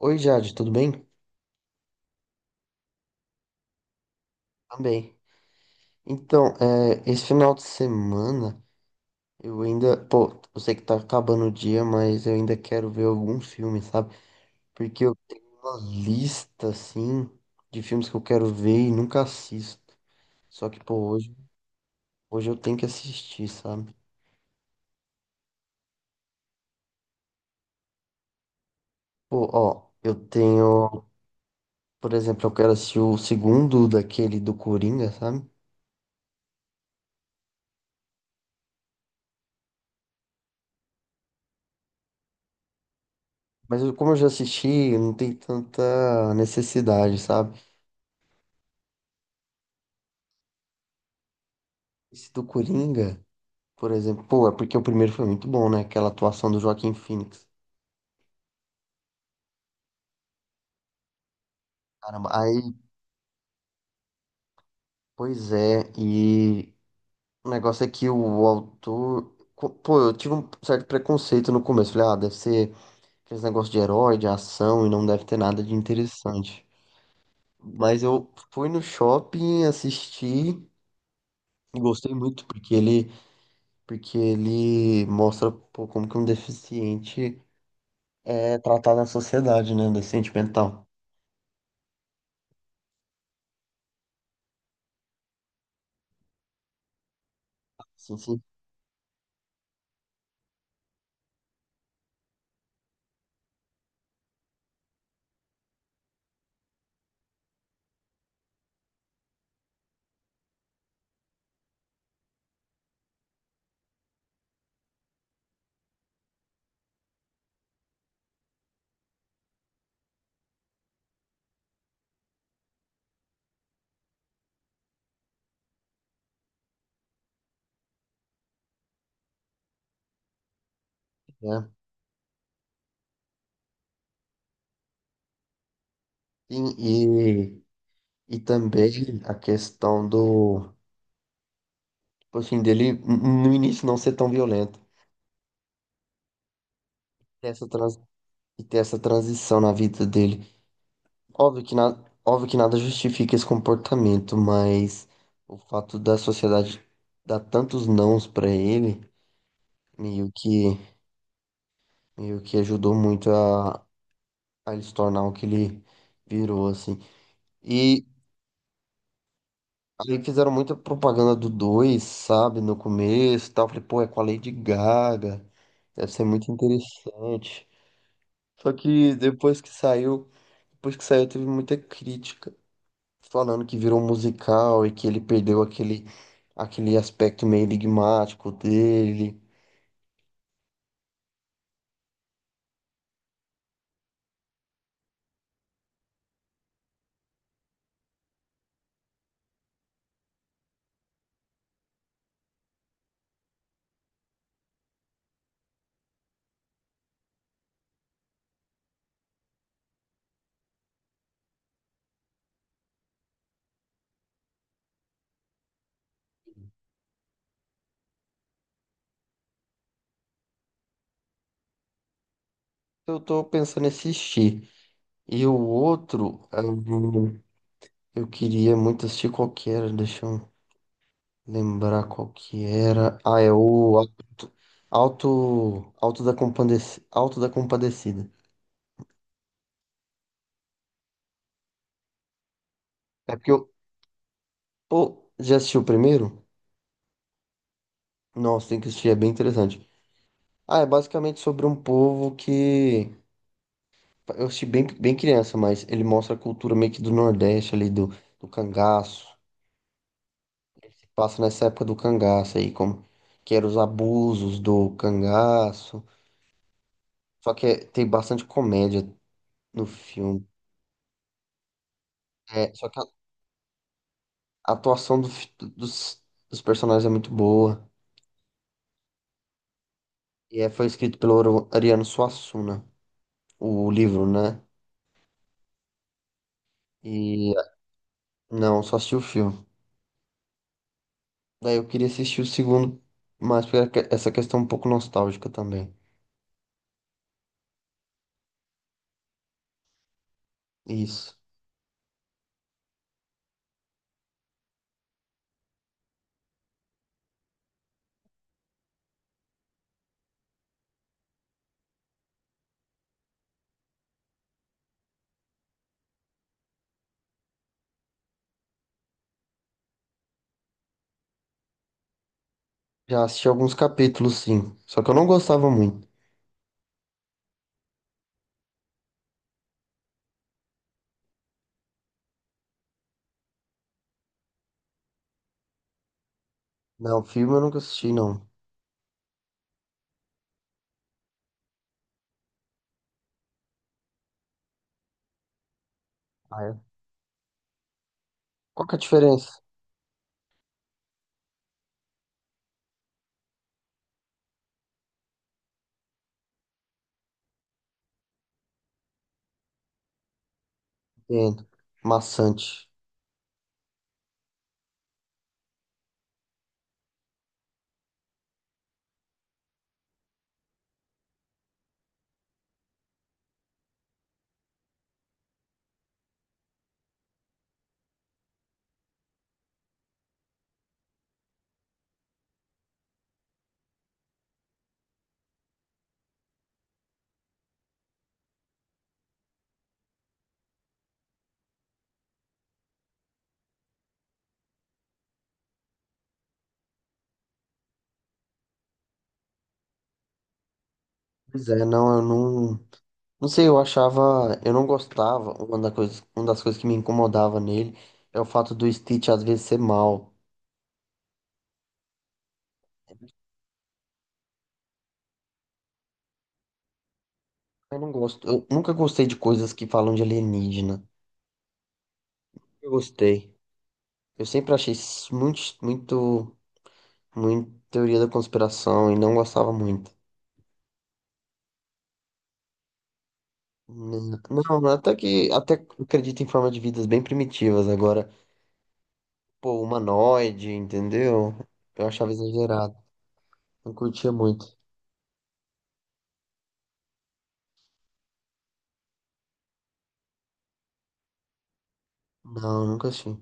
Oi, Jade, tudo bem? Também. Então, esse final de semana eu ainda. Pô, eu sei que tá acabando o dia, mas eu ainda quero ver algum filme, sabe? Porque eu tenho uma lista, assim, de filmes que eu quero ver e nunca assisto. Só que, pô, hoje eu tenho que assistir, sabe? Pô, ó, eu tenho. Por exemplo, eu quero assistir o segundo daquele do Coringa, sabe? Como eu já assisti, não tem tanta necessidade, sabe? Esse do Coringa. Por exemplo, pô, é porque o primeiro foi muito bom, né? Aquela atuação do Joaquim Phoenix. Caramba, aí, pois é, e o negócio é que o autor. Pô, eu tive um certo preconceito no começo. Falei, ah, deve ser aqueles negócios de herói, de ação, e não deve ter nada de interessante. Mas eu fui no shopping, assisti, e gostei muito, porque ele mostra, pô, como que um deficiente é tratado na sociedade, né? Um deficiente mental. Sim, sim. É. Sim, e também a tipo assim, no início não ser tão violento. Ter essa trans- e ter essa transição na vida dele. Óbvio que, na, óbvio que nada justifica esse comportamento, mas o fato da sociedade dar tantos nãos pra ele, meio que, meio que ajudou muito a ele se tornar o que ele virou, assim. E aí fizeram muita propaganda do dois, sabe, no começo e tal. Falei, pô, é com a Lady Gaga. Deve ser muito interessante. Só que depois que saiu, teve muita crítica. Falando que virou um musical e que ele perdeu aquele aspecto meio enigmático dele. Eu tô pensando em assistir. E o outro, ah, eu queria muito assistir qualquer, deixa eu lembrar qual que era. Ah, é o Alto da Compadecida. Alto da Compadecida. É porque eu. Pô, já assistiu o primeiro? Nossa, tem que assistir, é bem interessante. Ah, é basicamente sobre um povo que. Eu assisti bem, bem criança, mas ele mostra a cultura meio que do Nordeste ali, do cangaço. Passa nessa época do cangaço aí, como. Que eram os abusos do cangaço. Só que tem bastante comédia no filme. É, só que a atuação do dos personagens é muito boa. E é, foi escrito pelo Ariano Suassuna, né? O livro, né? E não, só assisti o filme. Daí eu queria assistir o segundo, mas essa questão um pouco nostálgica também. Isso. Já assisti alguns capítulos, sim. Só que eu não gostava muito. Não, filme eu nunca assisti, não. Ah, é? Qual que é a diferença? Entendo. Maçante. Pois é, não, eu não. Não sei, eu achava, eu não gostava, uma da coisa, uma das coisas que me incomodava nele é o fato do Stitch às vezes ser mal. Eu não gosto, eu nunca gostei de coisas que falam de alienígena. Eu gostei. Eu sempre achei isso muito teoria da conspiração e não gostava muito. Não, até acredito em forma de vidas bem primitivas agora, pô, humanoide, entendeu? Eu achava exagerado, não curtia muito. Não, nunca achei.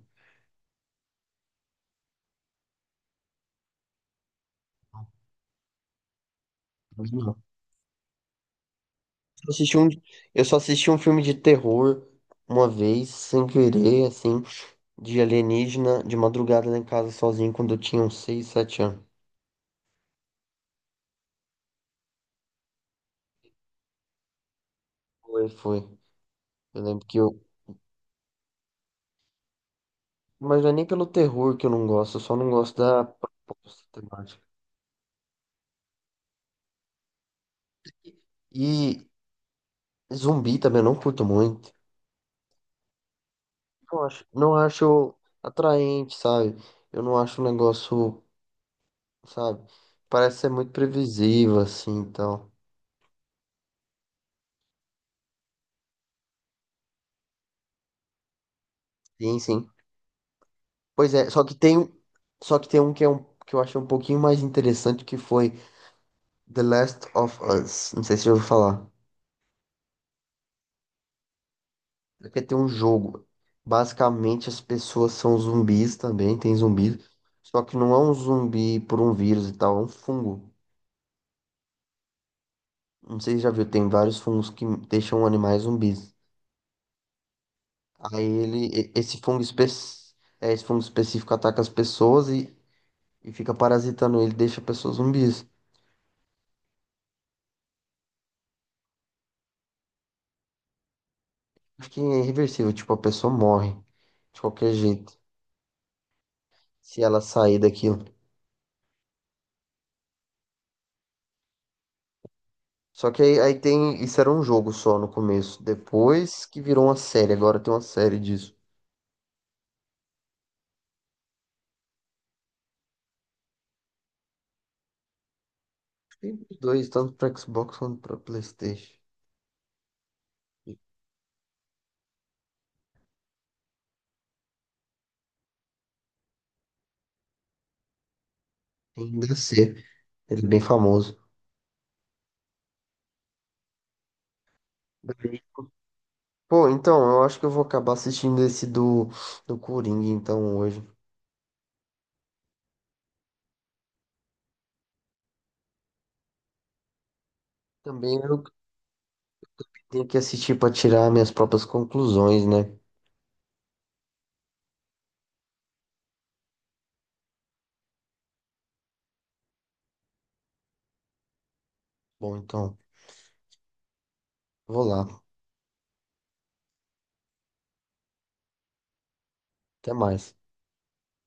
Eu assisti um, eu só assisti um filme de terror uma vez, sem querer, assim, de alienígena, de madrugada lá em casa sozinho, quando eu tinha uns 6 7 anos. Foi, foi. Eu lembro que eu. Mas não é nem pelo terror que eu não gosto, eu só não gosto da proposta temática. E zumbi também eu não curto muito. Não acho atraente, sabe? Eu não acho um negócio, sabe? Parece ser muito previsível, assim, então. Sim, sim. Pois é, só que tem um que é um que eu achei um pouquinho mais interessante que foi The Last of Us. Não sei se eu ouviu falar. Porque tem um jogo. Basicamente as pessoas são zumbis também, tem zumbis. Só que não é um zumbi por um vírus e tal, é um fungo. Não sei se já viu, tem vários fungos que deixam animais zumbis. Aí ele, e- esse fungo espe- é, esse fungo específico ataca as pessoas e fica parasitando ele, deixa pessoas zumbis. Acho que é irreversível, tipo, a pessoa morre de qualquer jeito se ela sair daquilo. Só que aí, aí tem. Isso era um jogo só no começo. Depois que virou uma série, agora tem uma série disso. Tem os dois, tanto pra Xbox quanto pra PlayStation. Tem DC. Ele é bem famoso. Pô, então, eu acho que eu vou acabar assistindo esse do Coringa, então, hoje. Também eu tenho que assistir pra tirar minhas próprias conclusões, né? Bom, então, vou lá. Até mais.